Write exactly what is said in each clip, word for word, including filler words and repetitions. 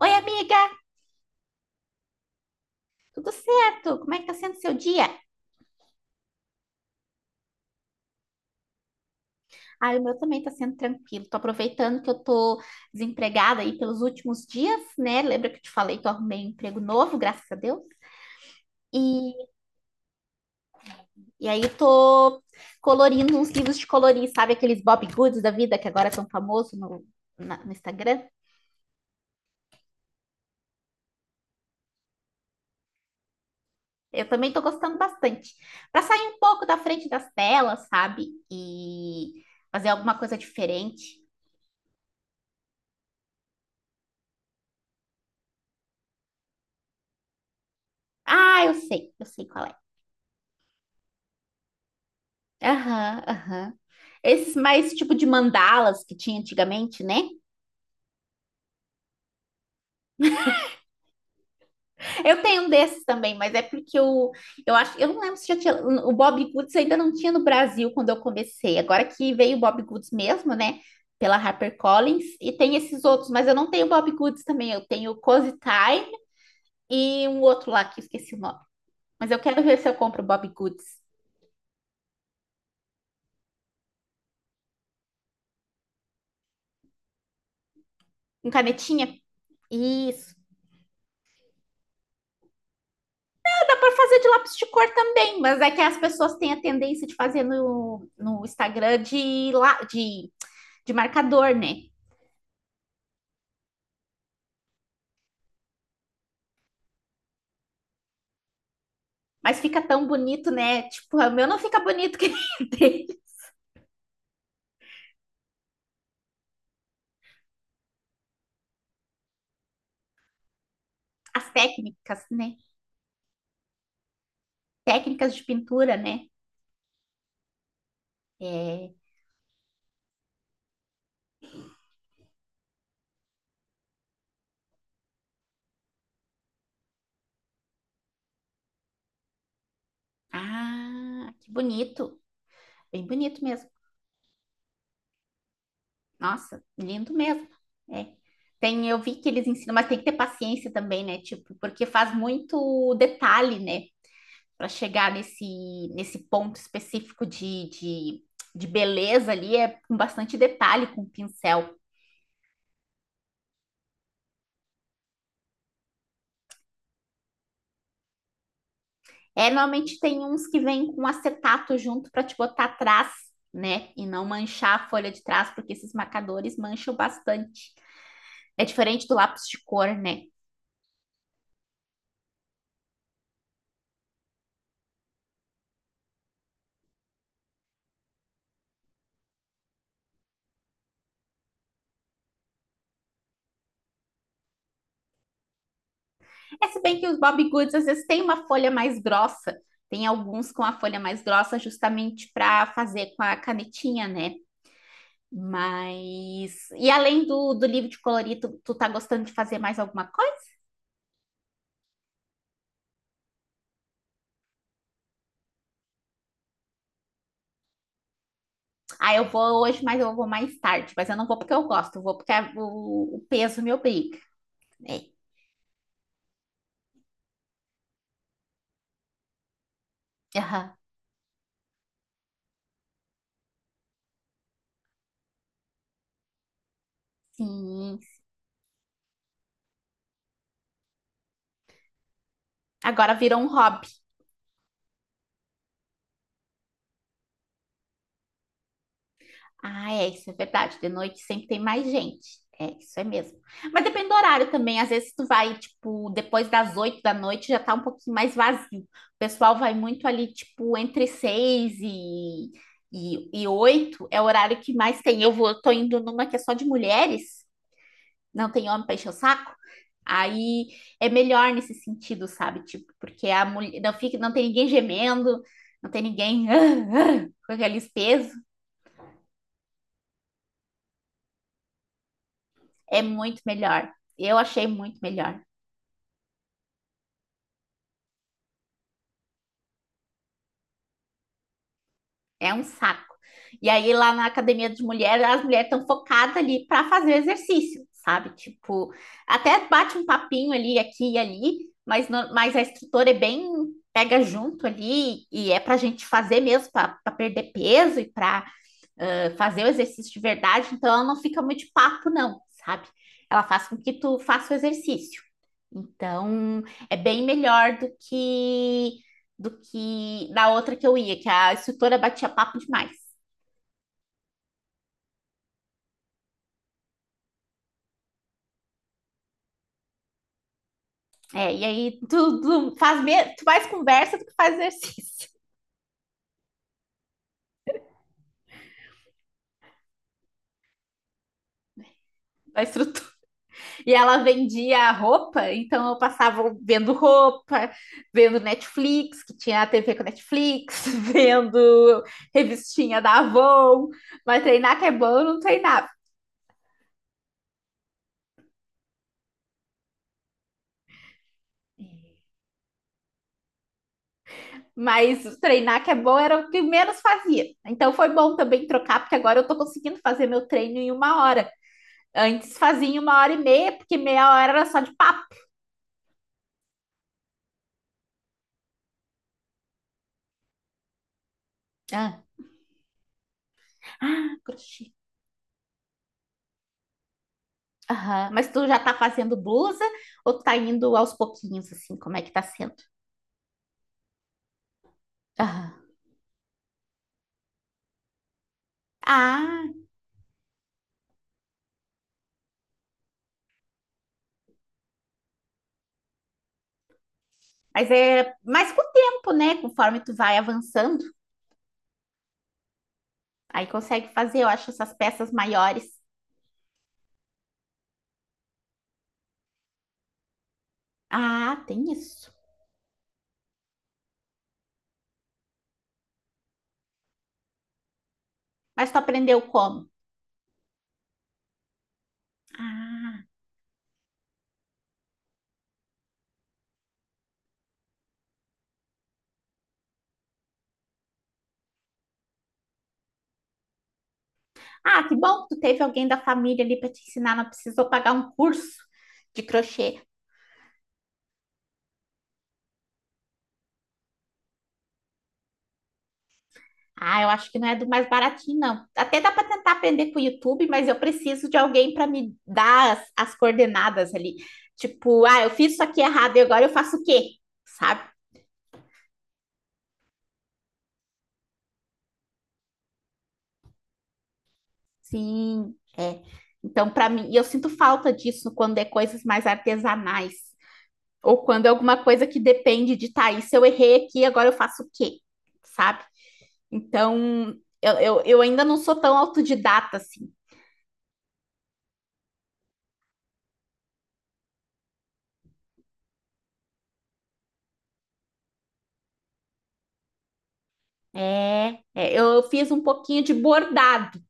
Oi, amiga, tudo certo? Como é que tá sendo seu dia? Ah, o meu também tá sendo tranquilo. Tô aproveitando que eu tô desempregada aí pelos últimos dias, né? Lembra que eu te falei que eu arrumei um emprego novo, graças a Deus? E, e aí eu tô colorindo uns livros de colorir, sabe? Aqueles Bob Goods da vida que agora são famosos no, na- no Instagram. Eu também tô gostando bastante. Pra sair um pouco da frente das telas, sabe? E fazer alguma coisa diferente. Ah, eu sei, eu sei qual é. Aham, aham. Esses mais tipo de mandalas que tinha antigamente, né? Eu tenho um desses também, mas é porque eu, eu acho, eu não lembro se já tinha, o Bob Goods ainda não tinha no Brasil quando eu comecei. Agora que veio o Bob Goods mesmo, né? Pela HarperCollins, e tem esses outros, mas eu não tenho Bob Goods também, eu tenho o Cozy Time e um outro lá que eu esqueci o nome. Mas eu quero ver se eu compro o Bob Goods. Com canetinha? Isso. Pode fazer de lápis de cor também, mas é que as pessoas têm a tendência de fazer no, no Instagram de, lá, de, de marcador, né? Mas fica tão bonito, né? Tipo, o meu não fica bonito que tem as técnicas, né? Técnicas de pintura, né? É... Ah, que bonito. Bem bonito mesmo. Nossa, lindo mesmo. É. Tem, eu vi que eles ensinam, mas tem que ter paciência também, né? Tipo, porque faz muito detalhe, né? Para chegar nesse, nesse ponto específico de, de, de beleza ali é com bastante detalhe, com pincel. É, normalmente tem uns que vêm com acetato junto para te botar atrás, né? E não manchar a folha de trás, porque esses marcadores mancham bastante. É diferente do lápis de cor, né? É se bem que os Bob Goods às vezes têm uma folha mais grossa, tem alguns com a folha mais grossa justamente para fazer com a canetinha, né? Mas. E além do, do livro de colorir, tu, tu tá gostando de fazer mais alguma coisa? Ah, eu vou hoje, mas eu vou mais tarde. Mas eu não vou porque eu gosto, eu vou porque a- o, o peso me obriga. É. Aham. Sim. Agora virou um hobby. Ah, é, isso é verdade. De noite sempre tem mais gente. É, isso é mesmo. Mas depende do horário também. Às vezes tu vai, tipo, depois das oito da noite já tá um pouquinho mais vazio. O pessoal vai muito ali, tipo, entre seis e, e, e oito é o horário que mais tem. Eu vou, tô indo numa que é só de mulheres, não tem homem pra encher o saco. Aí é melhor nesse sentido, sabe? Tipo, porque a mulher não fica, não tem ninguém gemendo, não tem ninguém com aqueles pesos. É muito melhor. Eu achei muito melhor. É um saco. E aí, lá na academia de mulheres, as mulheres estão focadas ali para fazer exercício, sabe? Tipo, até bate um papinho ali, aqui e ali, mas, no, mas a instrutora é bem pega junto ali e é para a gente fazer mesmo, para perder peso e para uh, fazer o exercício de verdade. Então, ela não fica muito de papo, não, sabe? Ela faz com que tu faça o exercício. Então, é bem melhor do que do que na outra que eu ia, que a instrutora batia papo demais. É, e aí tu, tu faz me- tu faz conversa do que faz exercício da instrutora. E ela vendia roupa, então eu passava vendo roupa, vendo Netflix, que tinha a T V com Netflix, vendo revistinha da Avon, mas treinar que é bom, eu não treinava. Mas treinar que é bom era o que menos fazia. Então foi bom também trocar, porque agora eu tô conseguindo fazer meu treino em uma hora. Antes fazia em uma hora e meia, porque meia hora era só de papo. Ah, ah crochê. Aham. Mas tu já tá fazendo blusa ou tu tá indo aos pouquinhos, assim? Como é que tá sendo? Aham. Ah, mas é mais com o tempo, né? Conforme tu vai avançando, aí consegue fazer, eu acho, essas peças maiores. Ah, tem isso. Mas tu aprendeu como? Ah. Ah, que bom que tu teve alguém da família ali para te ensinar, não precisou pagar um curso de crochê. Ah, eu acho que não é do mais baratinho, não. Até dá para tentar aprender com o YouTube, mas eu preciso de alguém para me dar as, as coordenadas ali. Tipo, ah, eu fiz isso aqui errado e agora eu faço o quê? Sabe? Sim, é. Então, para mim, e eu sinto falta disso quando é coisas mais artesanais, ou quando é alguma coisa que depende de, tá, isso eu errei aqui, agora eu faço o quê? Sabe? Então, eu, eu, eu ainda não sou tão autodidata assim. É, é, eu fiz um pouquinho de bordado.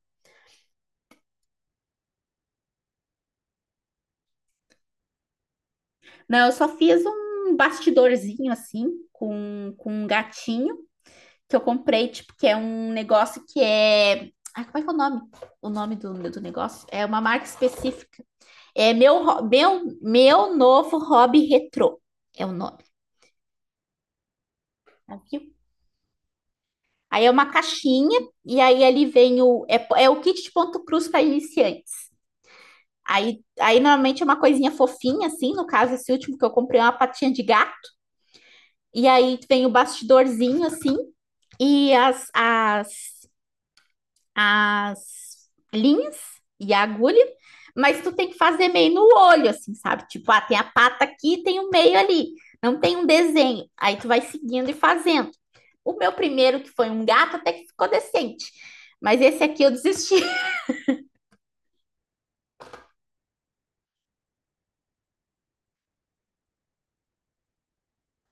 Não, eu só fiz um bastidorzinho assim, com, com um gatinho, que eu comprei, tipo, que é um negócio que é. Ai, como é que é o nome? O nome do, do negócio? É uma marca específica. É meu, ho- meu, meu novo hobby retrô. É o nome, tá, viu? Aí é uma caixinha, e aí ali vem o. É, é o kit de ponto cruz para iniciantes. Aí, aí normalmente é uma coisinha fofinha, assim. No caso, esse último que eu comprei é uma patinha de gato. E aí vem o bastidorzinho, assim, e as, as, as linhas e a agulha. Mas tu tem que fazer meio no olho, assim, sabe? Tipo, ah, tem a pata aqui, tem o meio ali. Não tem um desenho. Aí tu vai seguindo e fazendo. O meu primeiro, que foi um gato, até que ficou decente. Mas esse aqui eu desisti.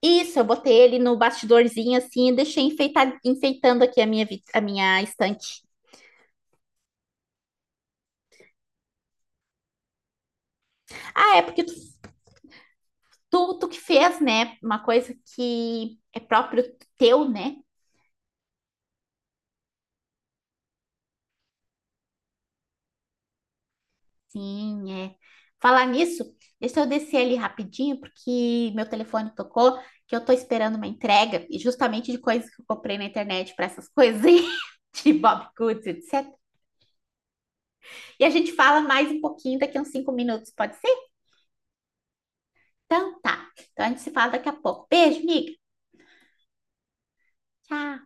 Isso, eu botei ele no bastidorzinho assim e deixei enfeitar, enfeitando aqui a minha, vi- a minha estante. Ah, é porque tu, tu, tu que fez, né? Uma coisa que é próprio teu, né? Sim, é. Falar nisso, deixa eu descer ali rapidinho, porque meu telefone tocou, que eu tô esperando uma entrega, e justamente de coisas que eu comprei na internet para essas coisas aí, de Bob Goods, etcétera. E a gente fala mais um pouquinho daqui a uns cinco minutos, pode ser? Então tá. Então a gente se fala daqui a pouco. Beijo, amiga. Tchau.